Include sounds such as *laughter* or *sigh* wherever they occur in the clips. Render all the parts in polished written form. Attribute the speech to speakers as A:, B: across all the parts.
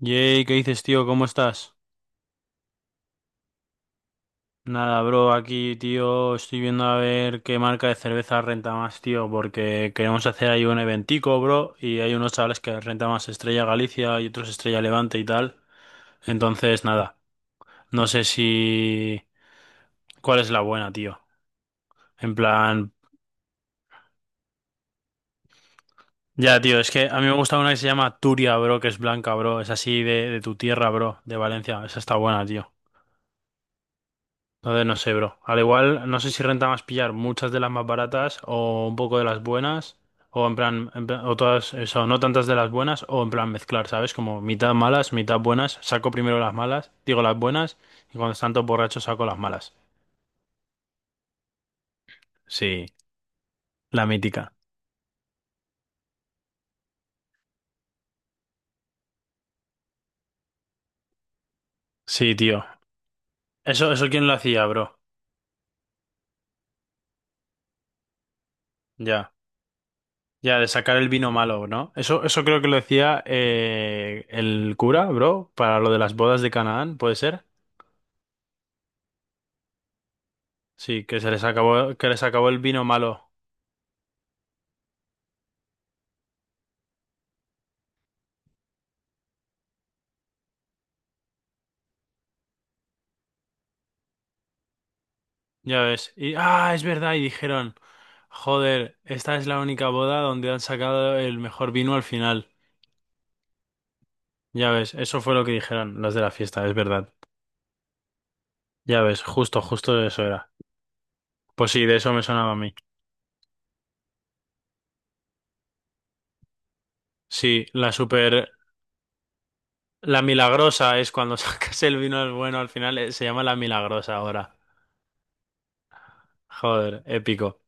A: Yay, ¿qué dices, tío? ¿Cómo estás? Nada, bro, aquí, tío, estoy viendo a ver qué marca de cerveza renta más, tío, porque queremos hacer ahí un eventico, bro, y hay unos chavales que renta más Estrella Galicia y otros Estrella Levante y tal. Entonces, nada, no sé si... ¿Cuál es la buena, tío? En plan... Ya, tío, es que a mí me gusta una que se llama Turia, bro, que es blanca, bro, es así de tu tierra, bro, de Valencia, esa está buena, tío. Entonces no sé, bro. Al igual, no sé si renta más pillar muchas de las más baratas o un poco de las buenas, o en plan, o todas, eso, no tantas de las buenas, o en plan mezclar, ¿sabes? Como mitad malas, mitad buenas, saco primero las malas, digo las buenas, y cuando están todos borrachos saco las malas. Sí, la mítica. Sí, tío. Eso quién lo hacía, bro. Ya. Ya, de sacar el vino malo, ¿no? Eso creo que lo decía el cura, bro, para lo de las bodas de Canaán, ¿puede ser? Sí, que se les acabó, que les acabó el vino malo. Ya ves. Y, ah, es verdad. Y dijeron, joder, esta es la única boda donde han sacado el mejor vino al final. Ya ves, eso fue lo que dijeron los de la fiesta, es verdad. Ya ves, justo, justo eso era. Pues sí, de eso me sonaba a mí. Sí, la super... La milagrosa es cuando *laughs* sacas el vino al bueno al final, se llama la milagrosa ahora. Joder, épico.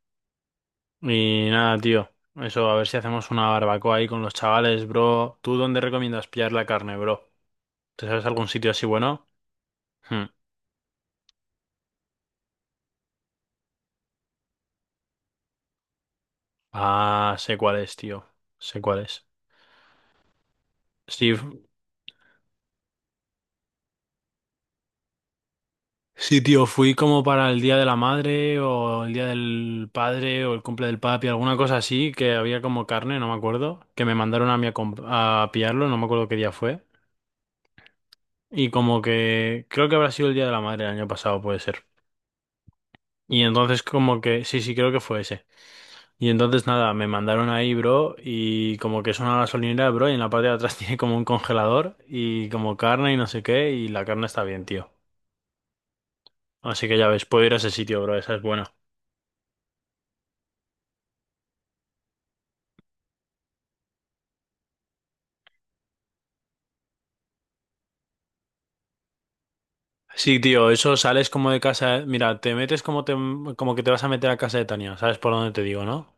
A: Y nada, tío. Eso, a ver si hacemos una barbacoa ahí con los chavales, bro. ¿Tú dónde recomiendas pillar la carne, bro? ¿Te sabes algún sitio así bueno? Hmm. Ah, sé cuál es, tío. Sé cuál es. Sí, sí, tío, fui como para el Día de la Madre o el Día del Padre o el cumple del papi, alguna cosa así, que había como carne, no me acuerdo, que me mandaron a mí a, a pillarlo, no me acuerdo qué día fue. Y como que creo que habrá sido el Día de la Madre el año pasado, puede ser. Y entonces como que, sí, sí, creo que fue ese. Y entonces nada, me mandaron ahí, bro, y como que es una gasolinera, bro, y en la parte de atrás *laughs* tiene como un congelador y como carne y no sé qué, y la carne está bien, tío. Así que ya ves, puedo ir a ese sitio, bro, esa es buena. Sí, tío, eso sales como de casa, ¿eh? Mira, te metes como te, como que te vas a meter a casa de Tania, ¿sabes por dónde te digo, no?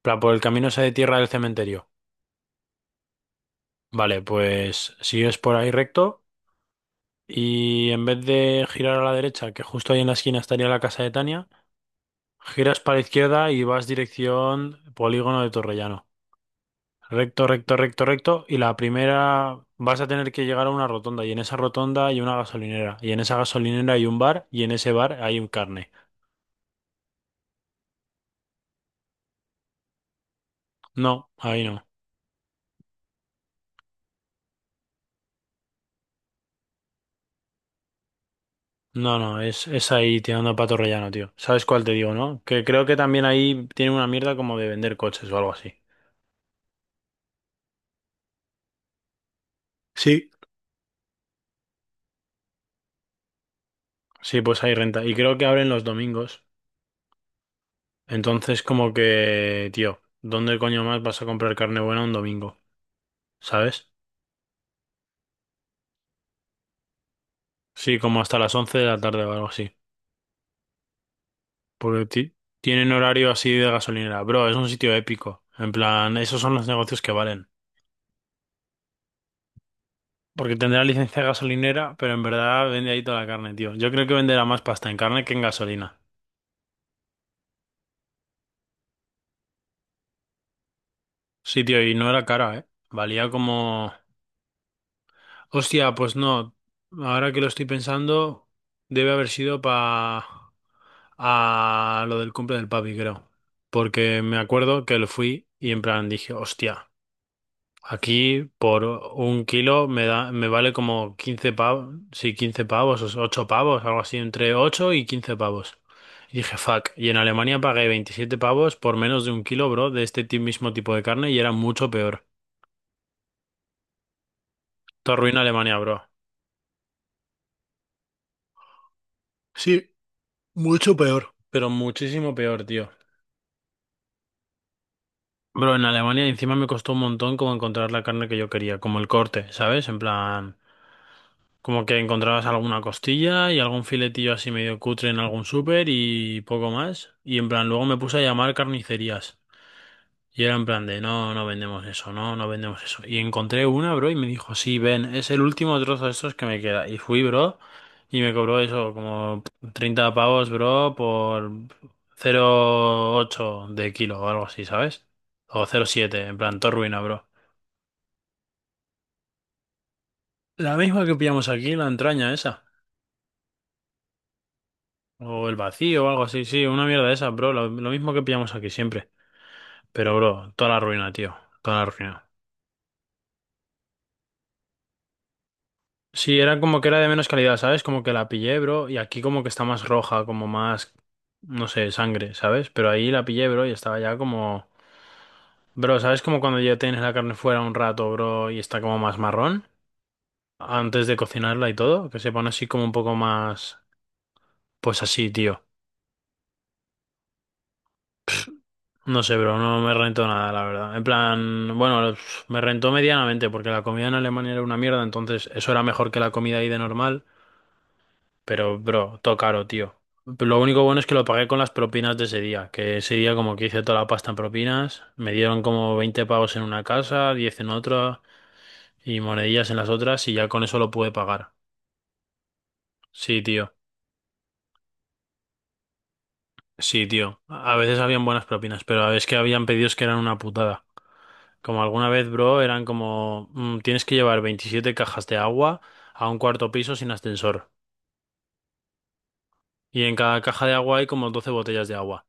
A: Para por el camino ese de tierra del cementerio. Vale, pues sigues por ahí recto y en vez de girar a la derecha, que justo ahí en la esquina estaría la casa de Tania, giras para la izquierda y vas dirección Polígono de Torrellano. Recto, recto, recto, recto. Y la primera vas a tener que llegar a una rotonda. Y en esa rotonda hay una gasolinera. Y en esa gasolinera hay un bar. Y en ese bar hay un carne. No, ahí no. No, no, es ahí tirando a pato rellano, tío. ¿Sabes cuál te digo, no? Que creo que también ahí tienen una mierda como de vender coches o algo así. Sí. Sí, pues hay renta. Y creo que abren los domingos. Entonces, como que, tío, ¿dónde coño más vas a comprar carne buena un domingo? ¿Sabes? Sí, como hasta las 11 de la tarde o algo así. Porque tienen horario así de gasolinera. Bro, es un sitio épico. En plan, esos son los negocios que valen. Porque tendrá licencia de gasolinera, pero en verdad vende ahí toda la carne, tío. Yo creo que venderá más pasta en carne que en gasolina. Sí, tío, y no era cara, ¿eh? Valía como... Hostia, pues no. Ahora que lo estoy pensando, debe haber sido pa... a lo del cumple del papi, creo. Porque me acuerdo que lo fui y en plan dije, hostia. Aquí por un kilo me da, me vale como 15 pavos, sí, 15 pavos, o 8 pavos, algo así, entre 8 y 15 pavos. Y dije, fuck, y en Alemania pagué 27 pavos por menos de un kilo, bro, de este mismo tipo de carne y era mucho peor. Te arruina Alemania, bro. Sí, mucho peor. Pero muchísimo peor, tío. Bro, en Alemania encima me costó un montón como encontrar la carne que yo quería, como el corte, ¿sabes? En plan... Como que encontrabas alguna costilla y algún filetillo así medio cutre en algún súper y poco más. Y en plan, luego me puse a llamar carnicerías. Y era en plan de, no, no vendemos eso, no, no vendemos eso. Y encontré una, bro, y me dijo, sí, ven, es el último trozo de estos que me queda. Y fui, bro, y me cobró eso, como 30 pavos, bro, por 0,8 de kilo o algo así, ¿sabes? O 0,7 en plan, todo ruina, bro. La misma que pillamos aquí, la entraña esa. O el vacío o algo así, sí, una mierda de esas, bro. Lo mismo que pillamos aquí siempre. Pero, bro, toda la ruina, tío. Toda la ruina. Sí, era como que era de menos calidad, ¿sabes? Como que la pillé, bro. Y aquí como que está más roja, como más, no sé, sangre, ¿sabes? Pero ahí la pillé, bro, y estaba ya como... Bro, ¿sabes? Como cuando ya tienes la carne fuera un rato, bro, y está como más marrón. Antes de cocinarla y todo. Que se pone así como un poco más... Pues así, tío. No sé, bro, no me rentó nada, la verdad. En plan, bueno, me rentó medianamente porque la comida en Alemania era una mierda, entonces eso era mejor que la comida ahí de normal, pero, bro, todo caro, tío. Lo único bueno es que lo pagué con las propinas de ese día, que ese día como que hice toda la pasta en propinas, me dieron como 20 pavos en una casa, 10 en otra y monedillas en las otras y ya con eso lo pude pagar. Sí, tío, sí, tío. A veces habían buenas propinas, pero a veces que habían pedidos que eran una putada. Como alguna vez, bro, eran como, tienes que llevar 27 cajas de agua a un cuarto piso sin ascensor. Y en cada caja de agua hay como 12 botellas de agua,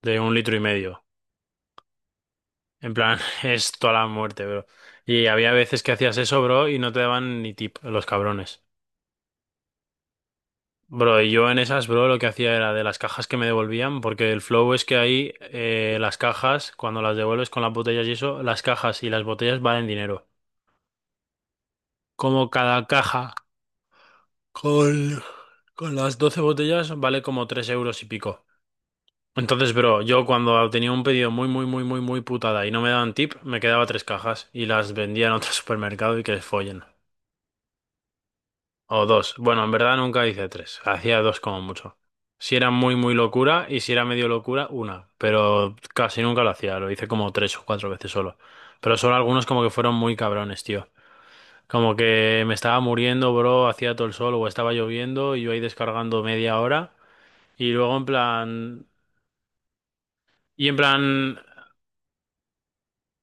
A: de un litro y medio. En plan, *laughs* es toda la muerte, bro. Y había veces que hacías eso, bro, y no te daban ni tip, los cabrones. Bro, y yo en esas, bro, lo que hacía era de las cajas que me devolvían, porque el flow es que ahí las cajas, cuando las devuelves con las botellas y eso, las cajas y las botellas valen dinero. Como cada caja, Con, con las 12 botellas, vale como 3 euros y pico. Entonces, bro, yo cuando tenía un pedido muy, muy, muy, muy, muy putada y no me daban tip, me quedaba tres cajas y las vendía en otro *laughs* supermercado y que les follen. O dos. Bueno, en verdad nunca hice tres. Hacía dos como mucho. Si era muy, muy locura y si era medio locura, una. Pero casi nunca lo hacía. Lo hice como tres o cuatro veces solo. Pero solo algunos como que fueron muy cabrones, tío. Como que me estaba muriendo, bro, hacía todo el sol o estaba lloviendo y yo ahí descargando media hora. Y luego en plan... Y en plan,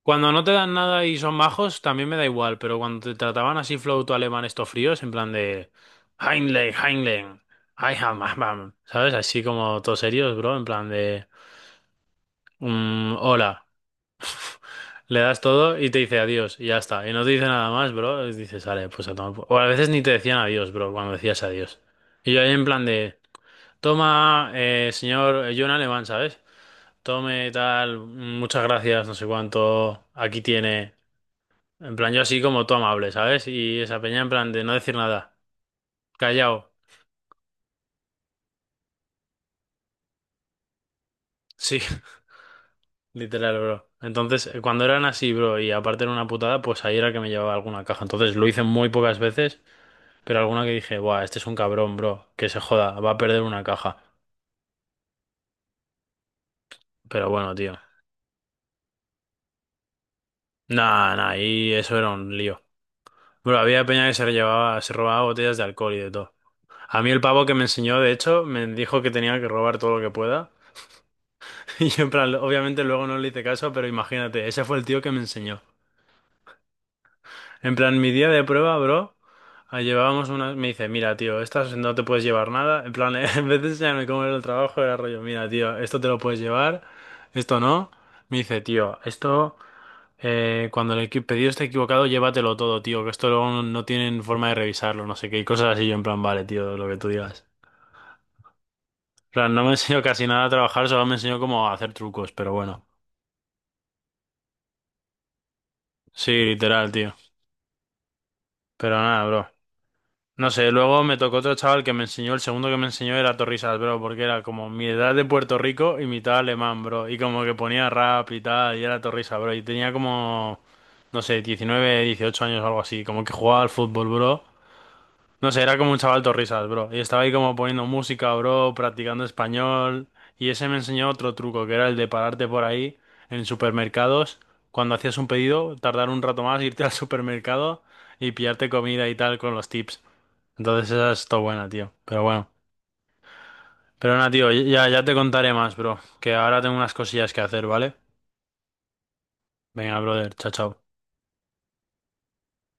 A: cuando no te dan nada y son majos, también me da igual, pero cuando te trataban así flauto alemán estos fríos, en plan de... Heinlein, Heinlein, I am, am, am", ¿sabes? Así como todos serios, bro, en plan de... "Mm, hola. *laughs* Le das todo y te dice adiós y ya está. Y no te dice nada más, bro. Y dices, vale, pues a tomar por-". O a veces ni te decían adiós, bro, cuando decías adiós. Y yo ahí en plan de... Toma, señor, yo en alemán, ¿sabes? Tome, tal, muchas gracias, no sé cuánto, aquí tiene. En plan, yo así como tú amable, ¿sabes? Y esa peña en plan de no decir nada, callao. Sí, *laughs* literal, bro. Entonces, cuando eran así, bro, y aparte era una putada, pues ahí era que me llevaba alguna caja. Entonces lo hice muy pocas veces, pero alguna que dije, buah, este es un cabrón, bro, que se joda, va a perder una caja. Pero bueno, tío. Nah, nah, y eso era un lío. Bro, había peña que se llevaba, se robaba botellas de alcohol y de todo. A mí el pavo que me enseñó, de hecho, me dijo que tenía que robar todo lo que pueda. *laughs* Y yo, en plan, obviamente luego no le hice caso, pero imagínate, ese fue el tío que me enseñó. En plan, mi día de prueba, bro, llevábamos una... Me dice, mira, tío, estas no te puedes llevar nada. En plan, *laughs* en vez de enseñarme cómo era el trabajo, era rollo, mira, tío, esto te lo puedes llevar, esto no. Me dice, tío, esto, cuando el pedido esté equivocado, llévatelo todo, tío, que esto luego no, no tienen forma de revisarlo, no sé qué, y cosas así. Yo, en plan, vale, tío, lo que tú digas. Plan, no me enseñó casi nada a trabajar, solo me enseñó cómo hacer trucos, pero bueno. Sí, literal, tío. Pero nada, bro. No sé, luego me tocó otro chaval que me enseñó, el segundo que me enseñó era Torrisas, bro, porque era como mi edad de Puerto Rico y mitad alemán, bro. Y como que ponía rap y tal, y era Torrisas, bro. Y tenía como, no sé, 19, 18 años o algo así, como que jugaba al fútbol, bro. No sé, era como un chaval risas, bro. Y estaba ahí como poniendo música, bro, practicando español. Y ese me enseñó otro truco, que era el de pararte por ahí en supermercados. Cuando hacías un pedido, tardar un rato más, *laughs* irte al supermercado y pillarte comida y tal con los tips. Entonces esa es todo buena, tío. Pero bueno. Pero nada, tío, ya, ya te contaré más, bro. Que ahora tengo unas cosillas que hacer, ¿vale? Venga, brother, chao, chao.